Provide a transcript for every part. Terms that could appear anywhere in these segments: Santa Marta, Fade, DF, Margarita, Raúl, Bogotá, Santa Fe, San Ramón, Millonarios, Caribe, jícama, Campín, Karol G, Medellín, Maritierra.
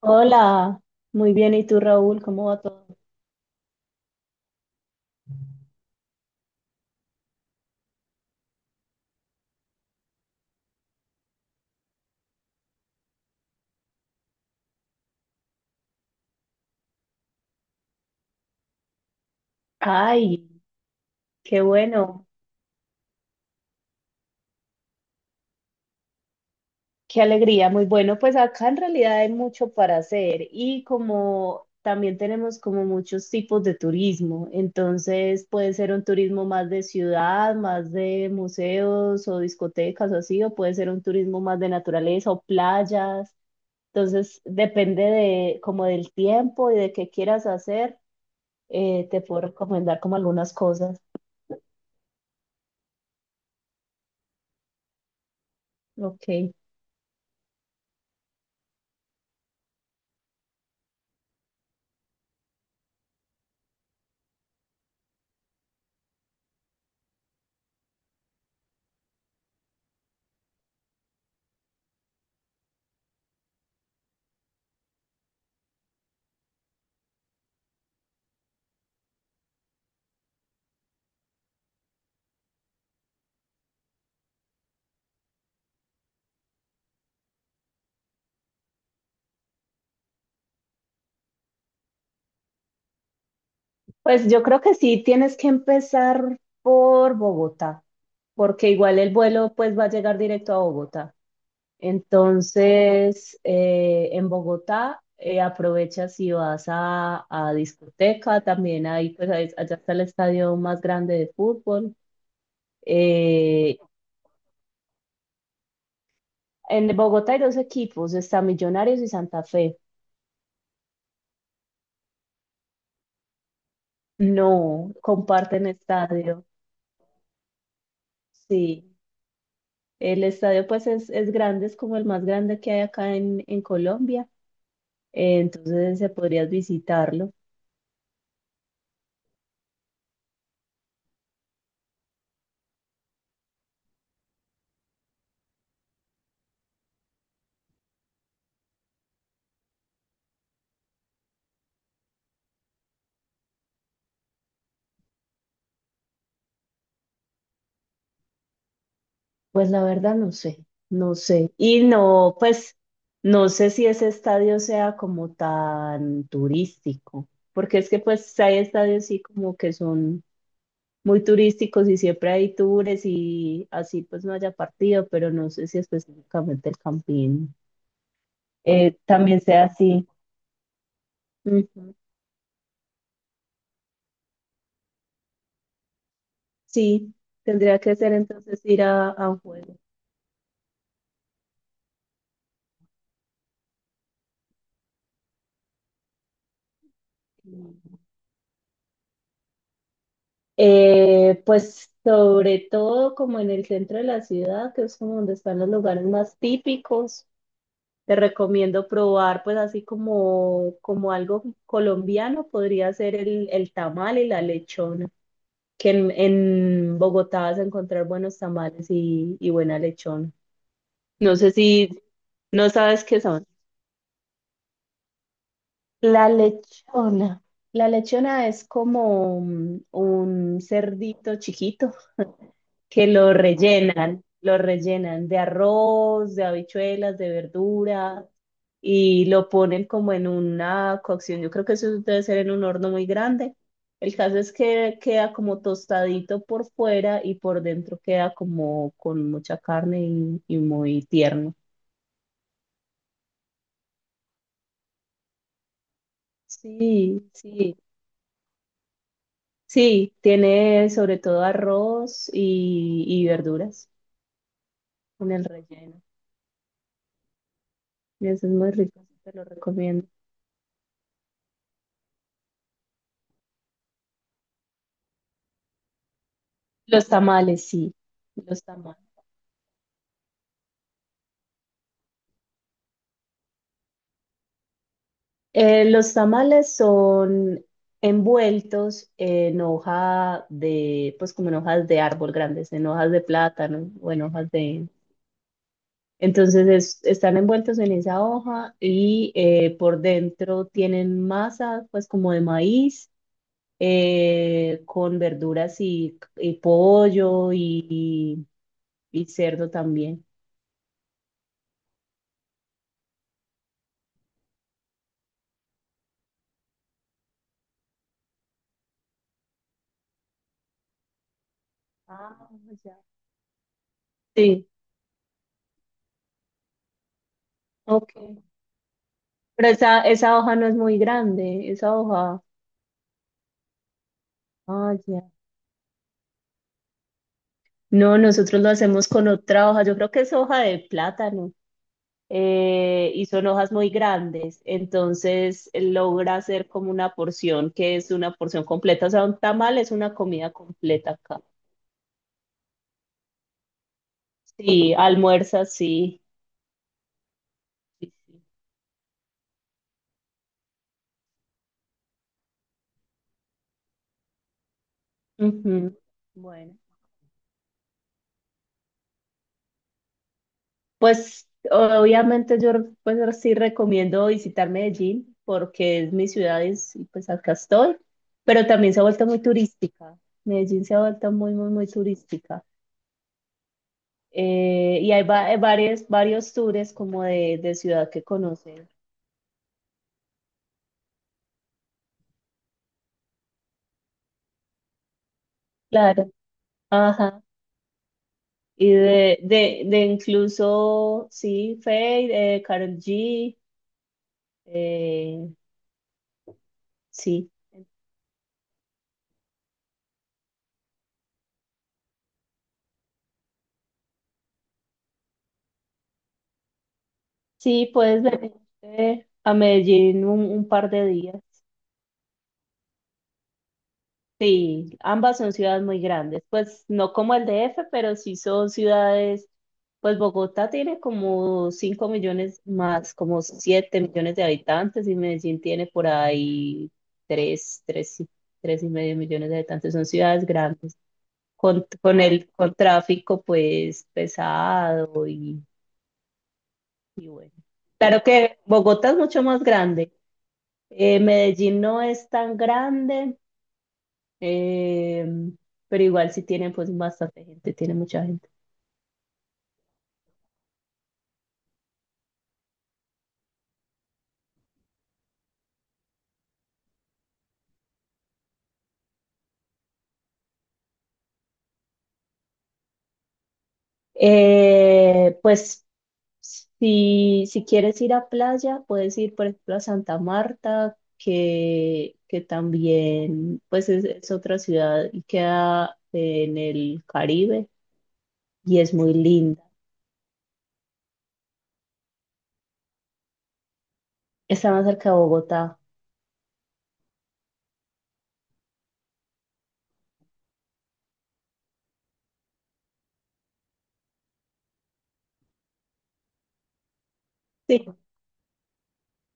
Hola, muy bien. ¿Y tú, Raúl? ¿Cómo va todo? Ay, qué bueno, qué alegría, muy bueno. Pues acá en realidad hay mucho para hacer y como también tenemos como muchos tipos de turismo, entonces puede ser un turismo más de ciudad, más de museos o discotecas o así, o puede ser un turismo más de naturaleza o playas. Entonces depende de como del tiempo y de qué quieras hacer, te puedo recomendar como algunas cosas. Ok. Pues yo creo que sí, tienes que empezar por Bogotá, porque igual el vuelo pues va a llegar directo a Bogotá. Entonces, en Bogotá aprovechas y vas a discoteca, también ahí allá está el estadio más grande de fútbol. Eh, en Bogotá hay dos equipos, está Millonarios y Santa Fe. No, comparten estadio, sí. El estadio pues es grande, es como el más grande que hay acá en Colombia. Entonces se podrías visitarlo. Pues la verdad no sé, no sé. Y no, pues no sé si ese estadio sea como tan turístico, porque es que pues hay estadios sí como que son muy turísticos y siempre hay tours y así pues no haya partido, pero no sé si específicamente el Campín también sea así. Ujú. Sí, tendría que ser entonces ir a un juego. Pues sobre todo como en el centro de la ciudad, que es como donde están los lugares más típicos, te recomiendo probar pues así como, como algo colombiano, podría ser el tamal y la lechona, que en Bogotá vas a encontrar buenos tamales y buena lechona. No sé si no sabes qué son. La lechona. La lechona es como un cerdito chiquito, que lo rellenan de arroz, de habichuelas, de verdura y lo ponen como en una cocción. Yo creo que eso debe ser en un horno muy grande. El caso es que queda como tostadito por fuera y por dentro queda como con mucha carne y muy tierno. Sí, sí, sí, tiene sobre todo arroz y verduras con el relleno. Y eso es muy rico, te lo recomiendo. Los tamales, sí, los tamales. Los tamales son envueltos en hoja de, pues como en hojas de árbol grandes, en hojas de plátano o en hojas de... Entonces están envueltos en esa hoja y por dentro tienen masa, pues como de maíz, con verduras y pollo y cerdo también. Ah, ya. Sí, ok. Pero esa hoja no es muy grande, esa hoja. Ah, ya. No, nosotros lo hacemos con otra hoja. Yo creo que es hoja de plátano, y son hojas muy grandes. Entonces logra hacer como una porción que es una porción completa. O sea, un tamal es una comida completa acá. Sí, almuerza, sí. Sí, sí. Ujú. Bueno. Pues obviamente yo pues sí recomiendo visitar Medellín porque es mi ciudad y, pues acá estoy, pero también se ha vuelto muy turística. Medellín se ha vuelto muy, muy, muy turística. Y varios, varios tours como de ciudad que conocer. Claro. Ajá. Y de incluso, sí, Fade, Karol G, eh, sí. Sí, puedes venir a Medellín un par de días. Sí, ambas son ciudades muy grandes, pues no como el DF, pero sí son ciudades, pues Bogotá tiene como 5 millones más, como 7 millones de habitantes y Medellín tiene por ahí 3, tres y medio millones de habitantes, son ciudades grandes, con el con tráfico pues pesado y bueno. Claro que Bogotá es mucho más grande, Medellín no es tan grande. Eh, pero igual si tienen pues bastante gente, tiene mucha gente. Pues si, si quieres ir a playa, puedes ir por ejemplo a Santa Marta, que también pues es otra ciudad y queda en el Caribe y es muy linda. Está más cerca de Bogotá. Sí,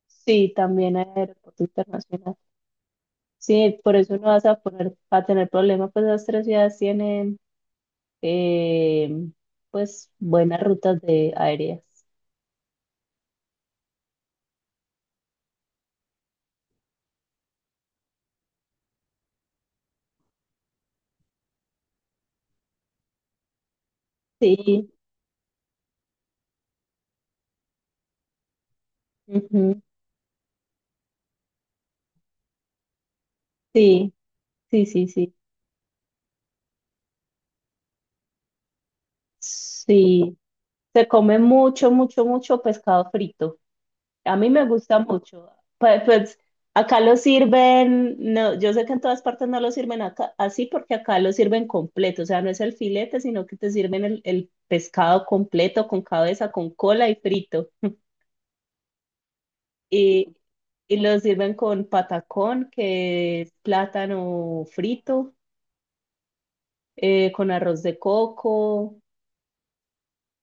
sí, también hay aeropuerto internacional. Sí, por eso no vas a poner, a tener problemas, pues las tres ciudades tienen eh, pues buenas rutas de aéreas. Sí, ujú, sí, sí, sí, sí. Sí, se come mucho, mucho, mucho pescado frito. A mí me gusta mucho. Pues, pues acá lo sirven, no, yo sé que en todas partes no lo sirven acá, así porque acá lo sirven completo, o sea, no es el filete, sino que te sirven el pescado completo, con cabeza, con cola y frito. Y, y lo sirven con patacón, que es plátano frito, con arroz de coco.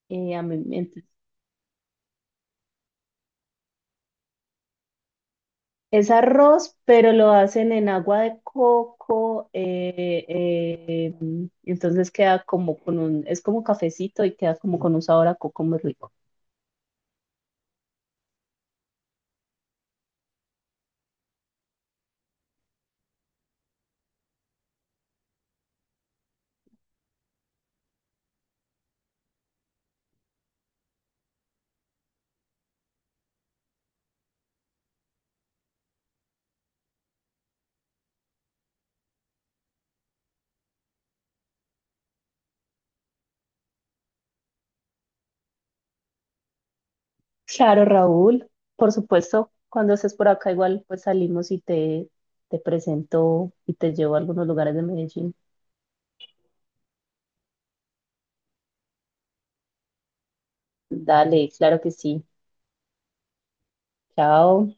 eh, a mí ent- es arroz, pero lo hacen en agua de coco. Entonces queda como con un, es como cafecito y queda como con un sabor a coco muy rico. Claro, Raúl, por supuesto, cuando estés por acá igual pues salimos y te presento y te llevo a algunos lugares de Medellín. Dale, claro que sí. Chao.